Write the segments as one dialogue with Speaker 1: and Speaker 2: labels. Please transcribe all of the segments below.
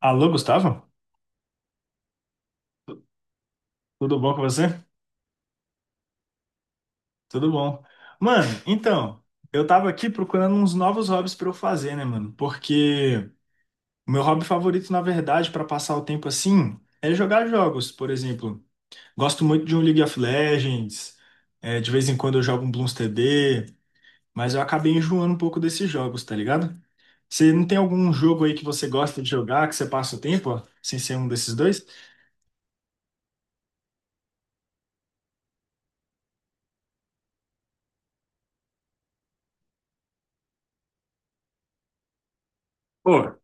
Speaker 1: Alô, Gustavo? Tudo bom com você? Tudo bom. Mano, então, eu tava aqui procurando uns novos hobbies pra eu fazer, né, mano? Porque o meu hobby favorito, na verdade, pra passar o tempo assim, é jogar jogos, por exemplo. Gosto muito de um League of Legends, de vez em quando eu jogo um Bloons TD, mas eu acabei enjoando um pouco desses jogos, tá ligado? Você não tem algum jogo aí que você gosta de jogar, que você passa o tempo, ó, sem ser um desses dois? Pô.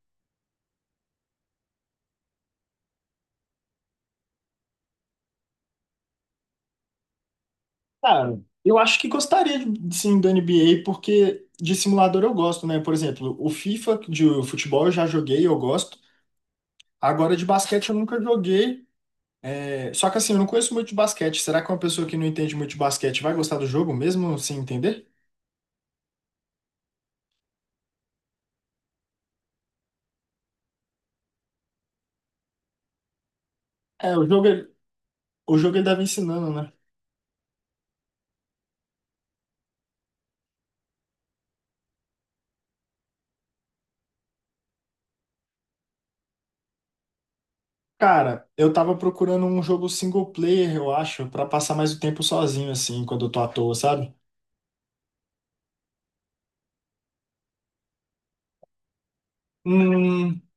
Speaker 1: Cara, eu acho que gostaria sim do NBA, porque de simulador eu gosto, né? Por exemplo, o FIFA de futebol eu já joguei, eu gosto. Agora de basquete eu nunca joguei. É, só que assim, eu não conheço muito de basquete. Será que uma pessoa que não entende muito de basquete vai gostar do jogo mesmo sem entender? É, o jogo ele deve ensinando, né? Cara, eu tava procurando um jogo single player, eu acho, pra passar mais o tempo sozinho, assim, quando eu tô à toa, sabe? Hum,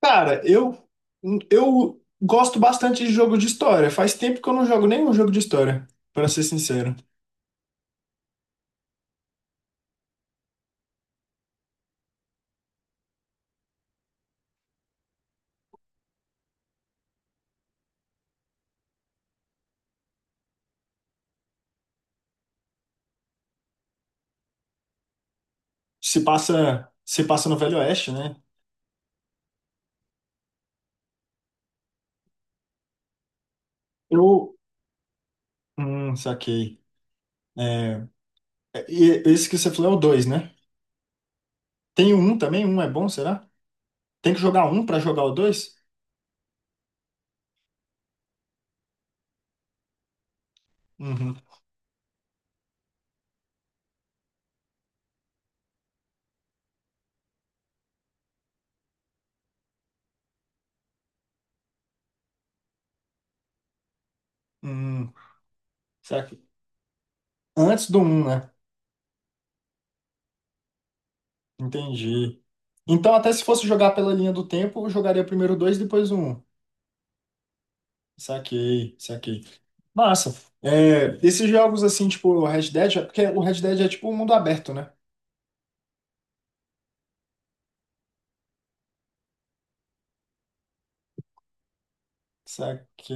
Speaker 1: Cara, eu gosto bastante de jogo de história. Faz tempo que eu não jogo nenhum jogo de história, pra ser sincero. Se passa no Velho Oeste, né? Eu. Saquei. É, e esse que você falou é o 2, né? Tem o um também? Um é bom, será? Tem que jogar um pra jogar o dois? Uhum. Hum, saquei. Antes do um, né? Entendi. Então, até se fosse jogar pela linha do tempo, eu jogaria primeiro o 2, depois o Um. Saquei, saquei. Massa. É, esses jogos assim, tipo o Red Dead, é porque o Red Dead é tipo um mundo aberto, né? Sabe? Que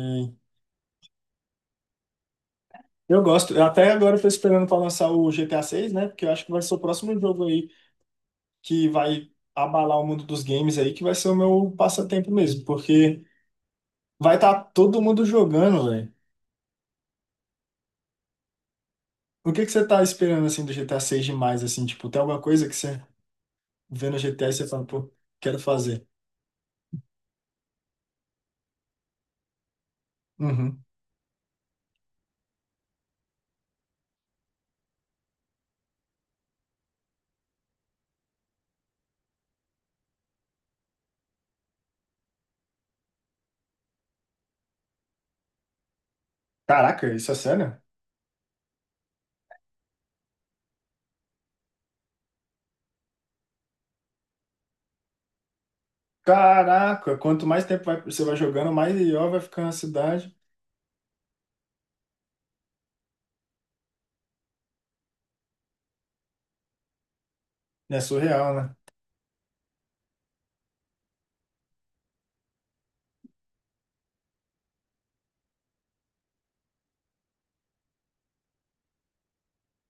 Speaker 1: eu gosto. Eu até agora eu tô esperando pra lançar o GTA seis, né? Porque eu acho que vai ser o próximo jogo aí que vai abalar o mundo dos games aí, que vai ser o meu passatempo mesmo, porque vai estar tá todo mundo jogando, velho. O que que você tá esperando assim do GTA seis demais assim, tipo, tem alguma coisa que você vê no GTA e você fala, pô, quero fazer. Uhum. Caraca, isso é sério? Caraca, quanto mais tempo vai- você vai jogando, mais maior vai ficando a cidade. É surreal, né?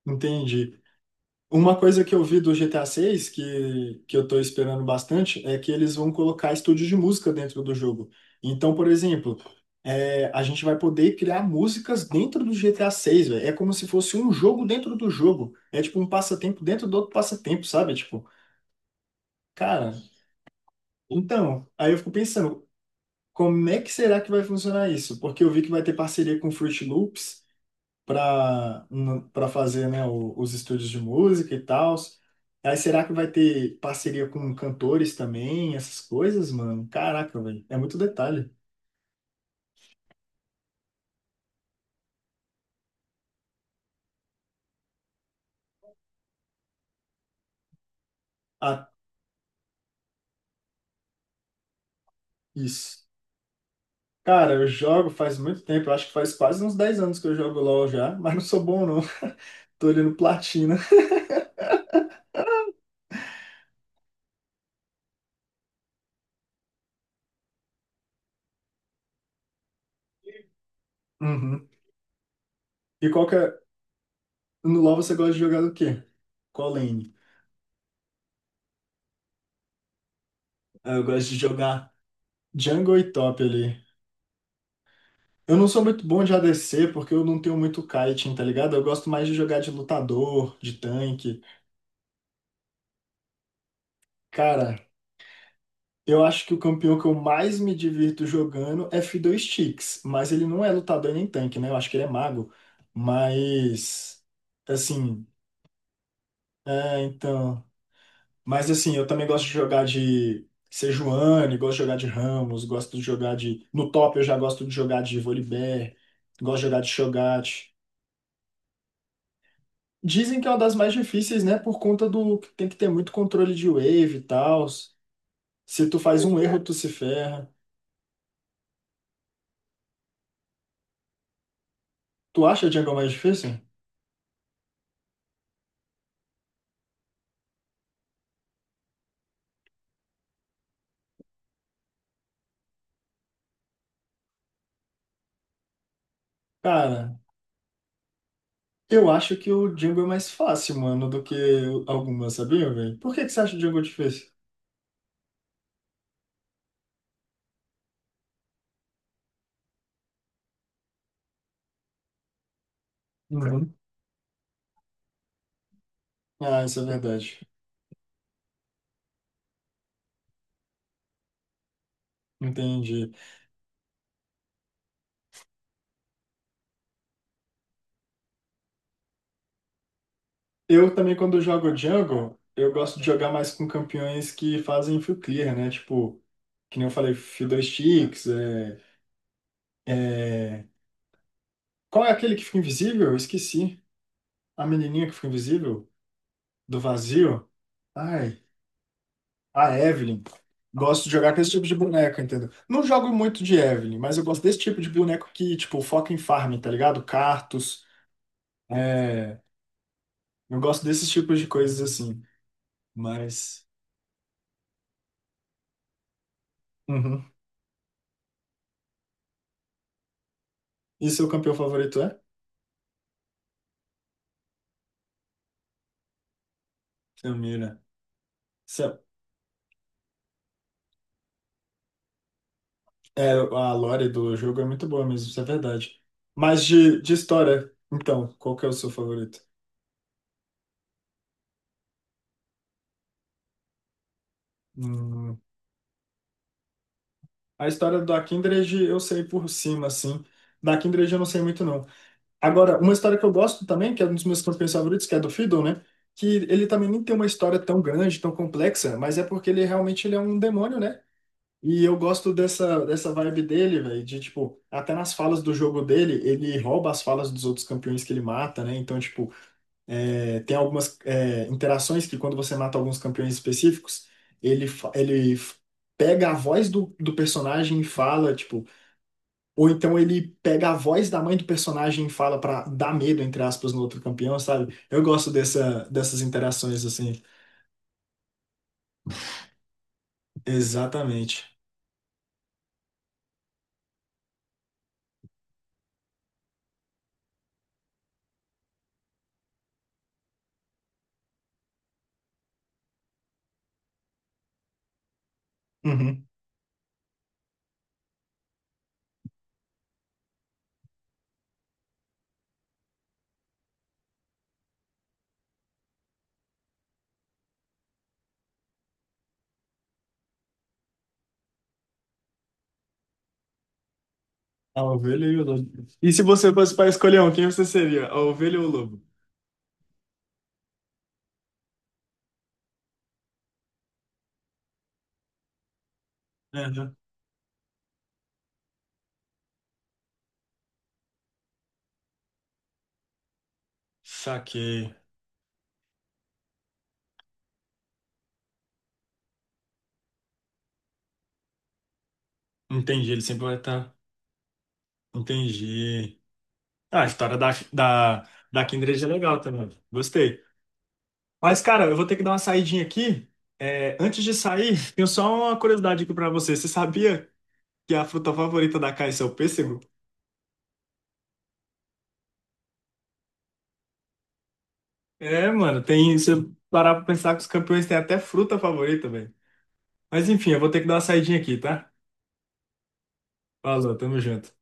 Speaker 1: Entendi. Uma coisa que eu vi do GTA VI, que eu tô esperando bastante, é que eles vão colocar estúdios de música dentro do jogo. Então, por exemplo, a gente vai poder criar músicas dentro do GTA VI, velho. É como se fosse um jogo dentro do jogo. É tipo um passatempo dentro do outro passatempo, sabe? Tipo, cara, então, aí eu fico pensando, como é que será que vai funcionar isso? Porque eu vi que vai ter parceria com Fruit Loops. para para fazer, né, os estúdios de música e tal. Aí será que vai ter parceria com cantores também, essas coisas, mano? Caraca, velho, é muito detalhe. Ah, isso. Cara, eu jogo faz muito tempo, eu acho que faz quase uns 10 anos que eu jogo LoL já, mas não sou bom não. Tô olhando platina. Uhum. E qual que é... No LoL você gosta de jogar do quê? Qual lane? Ah, eu gosto de jogar jungle e top ali. Eu não sou muito bom de ADC porque eu não tenho muito kiting, tá ligado? Eu gosto mais de jogar de lutador, de tanque. Cara, eu acho que o campeão que eu mais me divirto jogando é Fiddle Sticks, mas ele não é lutador nem tanque, né? Eu acho que ele é mago. Mas, assim, é, então. Mas, assim, eu também gosto de jogar de Sejuani, gosto de jogar de Ramos, gosto de jogar de. No top eu já gosto de jogar de Volibear, gosto de jogar de Cho'Gath. Dizem que é uma das mais difíceis, né? Por conta do que tem que ter muito controle de wave e tal. Se tu faz pois um erro, é, tu se ferra. Tu acha Django mais difícil? Cara, eu acho que o Django é mais fácil, mano, do que algumas, sabia, velho? Por que que você acha o Django difícil? Uhum. Ah, isso é verdade. Entendi. Eu também, quando jogo Django, eu gosto de jogar mais com campeões que fazem full clear, né? Tipo, que nem eu falei, Fiddlesticks, é- qual é aquele que fica invisível? Eu esqueci. A menininha que fica invisível, do vazio. Ai, a Evelyn. Gosto de jogar com esse tipo de boneco, entendeu? Não jogo muito de Evelyn, mas eu gosto desse tipo de boneco que, tipo, foca em farm, tá ligado? Cartos. É... Eu gosto desses tipos de coisas assim. Mas. Uhum. E seu campeão favorito é? Samira. Sa- É, a lore do jogo é muito boa mesmo, isso é verdade. Mas de história, então, qual que é o seu favorito? Hum. A história do Kindred eu sei por cima, assim. Da Kindred eu não sei muito, não. Agora, uma história que eu gosto também, que é um dos meus campeões favoritos, que é do Fiddle, né? Que ele também nem tem uma história tão grande, tão complexa, mas é porque ele realmente ele é um demônio, né? E eu gosto dessa, dessa vibe dele, velho, de tipo, até nas falas do jogo dele, ele rouba as falas dos outros campeões que ele mata, né? Então, tipo, tem algumas interações que quando você mata alguns campeões específicos, ele pega a voz do personagem e fala, tipo, ou então ele pega a voz da mãe do personagem e fala pra dar medo, entre aspas, no outro campeão, sabe? Eu gosto dessa, dessas interações, assim. Exatamente. Uhum. A ovelha e o lobo. E se você fosse para escolher um, quem você seria? A ovelha ou o lobo? Uhum. Saquei. Entendi, ele sempre vai estar. Entendi. Ah, a história da Kindred é legal também. Gostei. Mas, cara, eu vou ter que dar uma saidinha aqui. É, antes de sair, tenho só uma curiosidade aqui pra você. Você sabia que a fruta favorita da Caixa é o pêssego? É, mano, tem. Se eu parar pra pensar que os campeões têm até fruta favorita, velho. Mas enfim, eu vou ter que dar uma saidinha aqui, tá? Falou, tamo junto.